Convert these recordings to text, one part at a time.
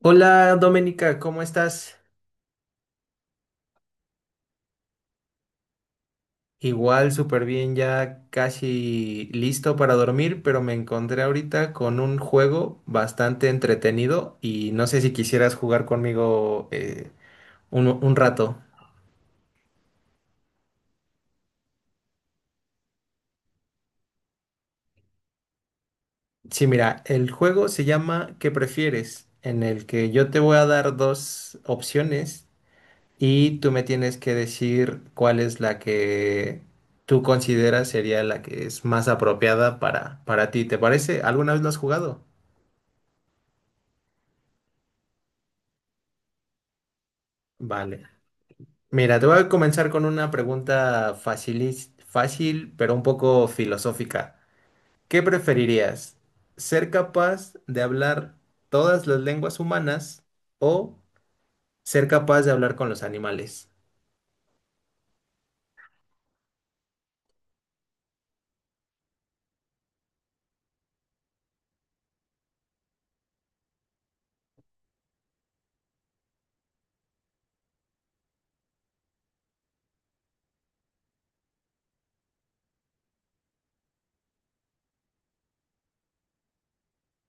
Hola Doménica, ¿cómo estás? Igual, súper bien, ya casi listo para dormir, pero me encontré ahorita con un juego bastante entretenido y no sé si quisieras jugar conmigo un rato. Sí, mira, el juego se llama ¿Qué prefieres? En el que yo te voy a dar dos opciones y tú me tienes que decir cuál es la que tú consideras sería la que es más apropiada para ti. ¿Te parece? ¿Alguna vez lo has jugado? Vale. Mira, te voy a comenzar con una pregunta fácil, pero un poco filosófica. ¿Qué preferirías? ¿Ser capaz de hablar todas las lenguas humanas o ser capaz de hablar con los animales?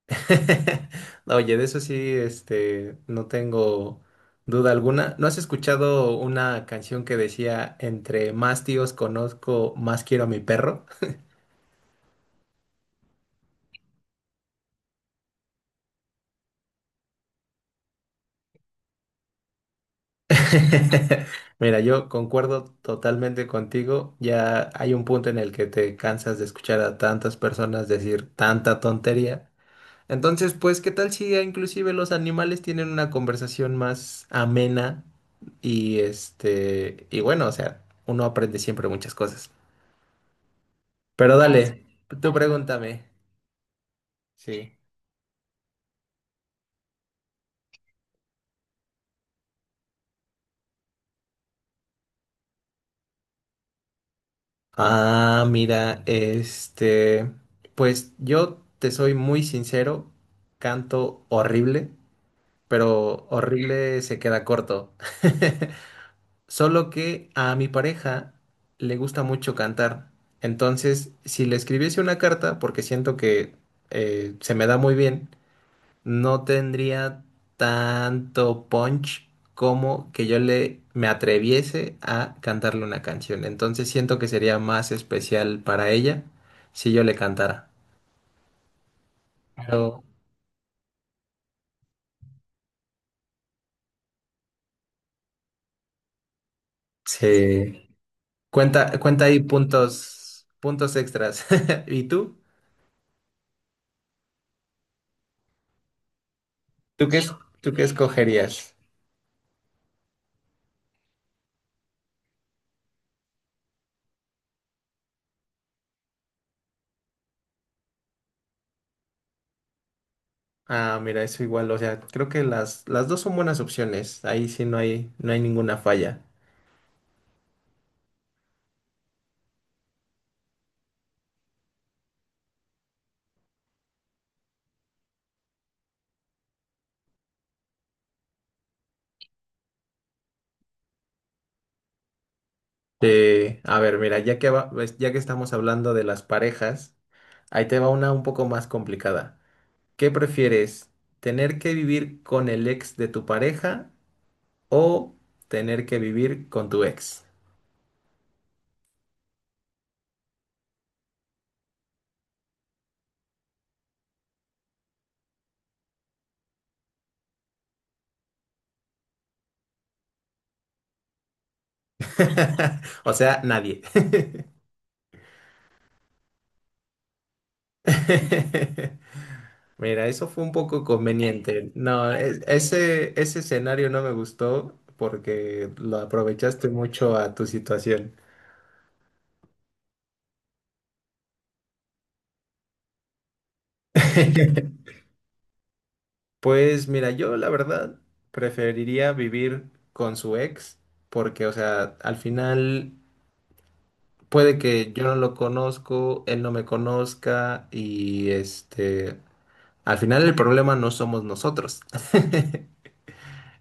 Oye, de eso sí, este, no tengo duda alguna. ¿No has escuchado una canción que decía, entre más tíos conozco, más quiero a mi perro? Mira, yo concuerdo totalmente contigo. Ya hay un punto en el que te cansas de escuchar a tantas personas decir tanta tontería. Entonces, pues, ¿qué tal si inclusive los animales tienen una conversación más amena? Y este, y bueno, o sea, uno aprende siempre muchas cosas. Pero dale, tú pregúntame. Sí. Ah, mira, este, pues yo te soy muy sincero, canto horrible, pero horrible se queda corto. Solo que a mi pareja le gusta mucho cantar. Entonces, si le escribiese una carta, porque siento que se me da muy bien, no tendría tanto punch como que yo le me atreviese a cantarle una canción. Entonces, siento que sería más especial para ella si yo le cantara. Pero sí. Cuenta, cuenta ahí puntos, puntos extras. ¿Y tú? ¿Tú qué, es- ¿Tú qué escogerías? Ah, mira, eso igual, o sea, creo que las dos son buenas opciones. Ahí sí no hay ninguna falla. A ver, mira, pues, ya que estamos hablando de las parejas, ahí te va una un poco más complicada. ¿Qué prefieres? ¿Tener que vivir con el ex de tu pareja o tener que vivir con tu ex? O sea, nadie. Mira, eso fue un poco conveniente. No, ese escenario no me gustó porque lo aprovechaste mucho a tu situación. Pues mira, yo la verdad preferiría vivir con su ex porque, o sea, al final puede que yo no lo conozco, él no me conozca y este, al final el problema no somos nosotros.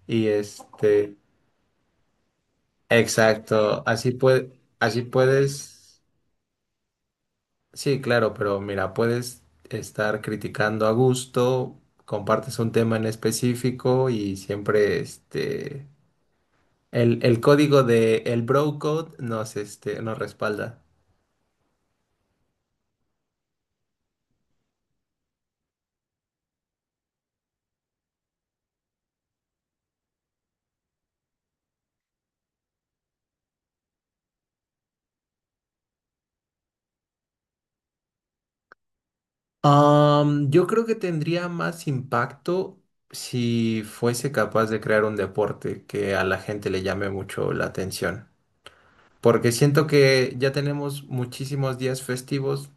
Y este, exacto, así puede, así puedes. Sí, claro, pero mira, puedes estar criticando a gusto, compartes un tema en específico y siempre este el código de el bro code nos este nos respalda. Am, yo creo que tendría más impacto si fuese capaz de crear un deporte que a la gente le llame mucho la atención, porque siento que ya tenemos muchísimos días festivos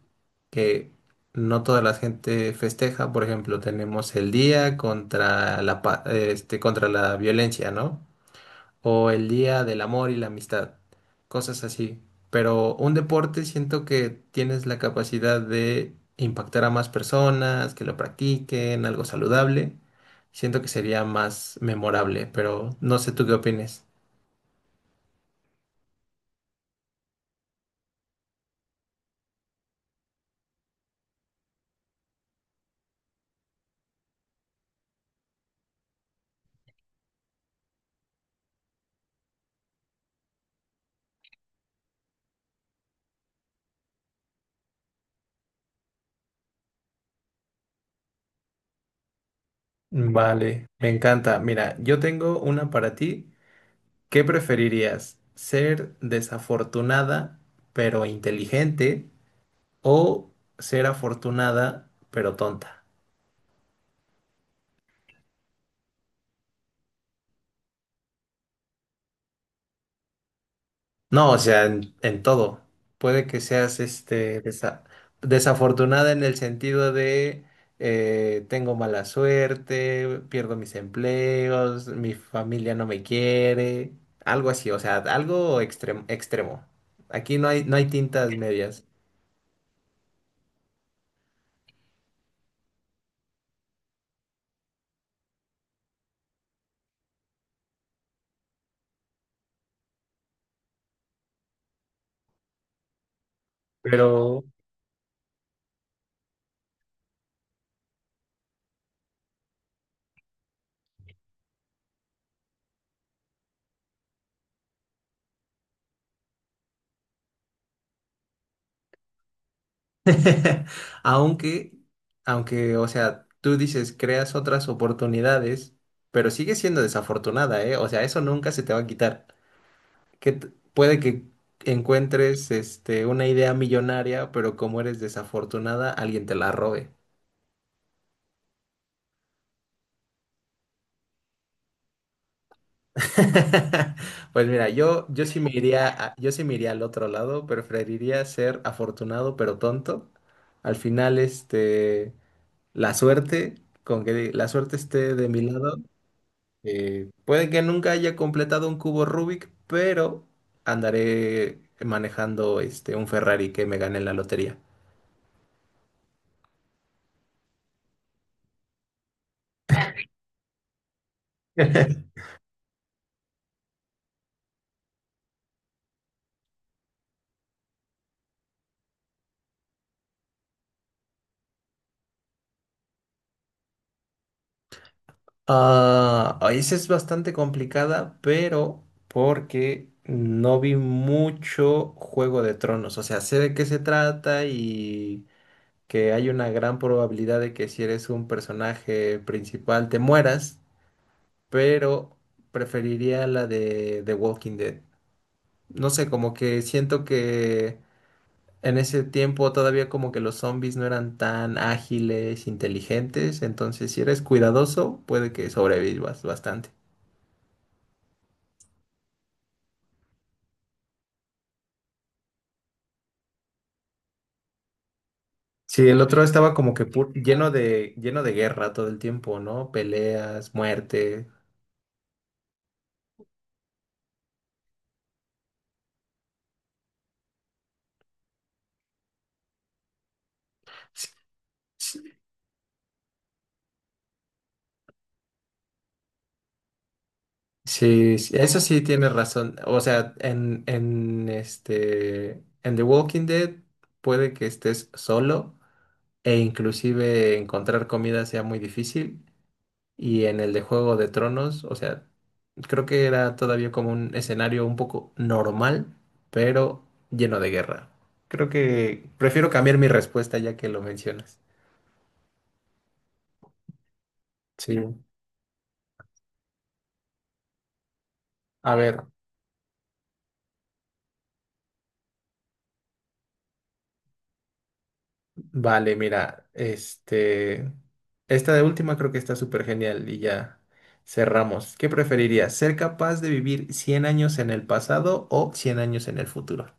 que no toda la gente festeja. Por ejemplo, tenemos el día contra contra la violencia, ¿no? O el día del amor y la amistad, cosas así. Pero un deporte siento que tienes la capacidad de impactar a más personas, que lo practiquen, algo saludable. Siento que sería más memorable, pero no sé tú qué opines. Vale, me encanta. Mira, yo tengo una para ti. ¿Qué preferirías? ¿Ser desafortunada pero inteligente o ser afortunada pero tonta? No, o sea, en todo. Puede que seas desafortunada en el sentido de tengo mala suerte, pierdo mis empleos, mi familia no me quiere, algo así, o sea, extremo. Aquí no hay tintas medias. Pero aunque, aunque, o sea, tú dices creas otras oportunidades, pero sigues siendo desafortunada, ¿eh? O sea, eso nunca se te va a quitar. que t- puede que encuentres este, una idea millonaria, pero como eres desafortunada, alguien te la robe. Pues mira, yo sí me yo sí me iría al otro lado, preferiría ser afortunado pero tonto. Al final, este, la suerte, con que la suerte esté de mi lado, puede que nunca haya completado un cubo Rubik, pero andaré manejando este, un Ferrari que me gane en la lotería. Ah, esa es bastante complicada, pero porque no vi mucho Juego de Tronos. O sea, sé de qué se trata y que hay una gran probabilidad de que si eres un personaje principal te mueras, pero preferiría la de The Walking Dead. No sé, como que siento que en ese tiempo todavía como que los zombies no eran tan ágiles, inteligentes, entonces si eres cuidadoso, puede que sobrevivas bastante. Sí, el otro estaba como que lleno de guerra todo el tiempo, ¿no? Peleas, muerte. Sí, sí, sí, sí, eso sí tienes razón. O sea, en The Walking Dead puede que estés solo e inclusive encontrar comida sea muy difícil. Y en el de Juego de Tronos, o sea, creo que era todavía como un escenario un poco normal, pero lleno de guerra. Creo que prefiero cambiar mi respuesta ya que lo mencionas. Sí. A ver, vale, mira, este, esta de última creo que está súper genial y ya cerramos. ¿Qué preferirías? ¿Ser capaz de vivir 100 años en el pasado o 100 años en el futuro?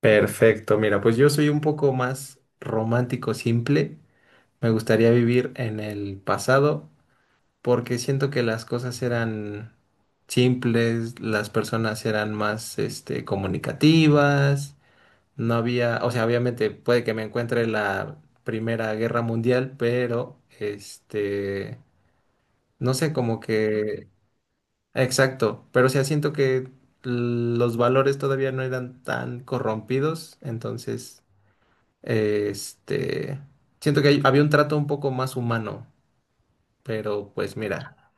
Perfecto, mira, pues yo soy un poco más romántico, simple. Me gustaría vivir en el pasado porque siento que las cosas eran simples, las personas eran más, este, comunicativas. No había, o sea, obviamente puede que me encuentre la Primera Guerra Mundial, pero este, no sé, como que, exacto, pero o sea, siento que los valores todavía no eran tan corrompidos, entonces, este, siento que había un trato un poco más humano, pero pues mira,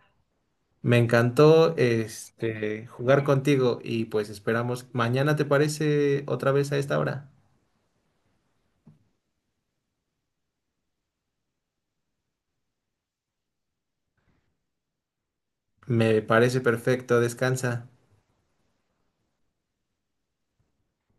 me encantó este jugar contigo y pues esperamos mañana, ¿te parece otra vez a esta hora? Me parece perfecto, descansa.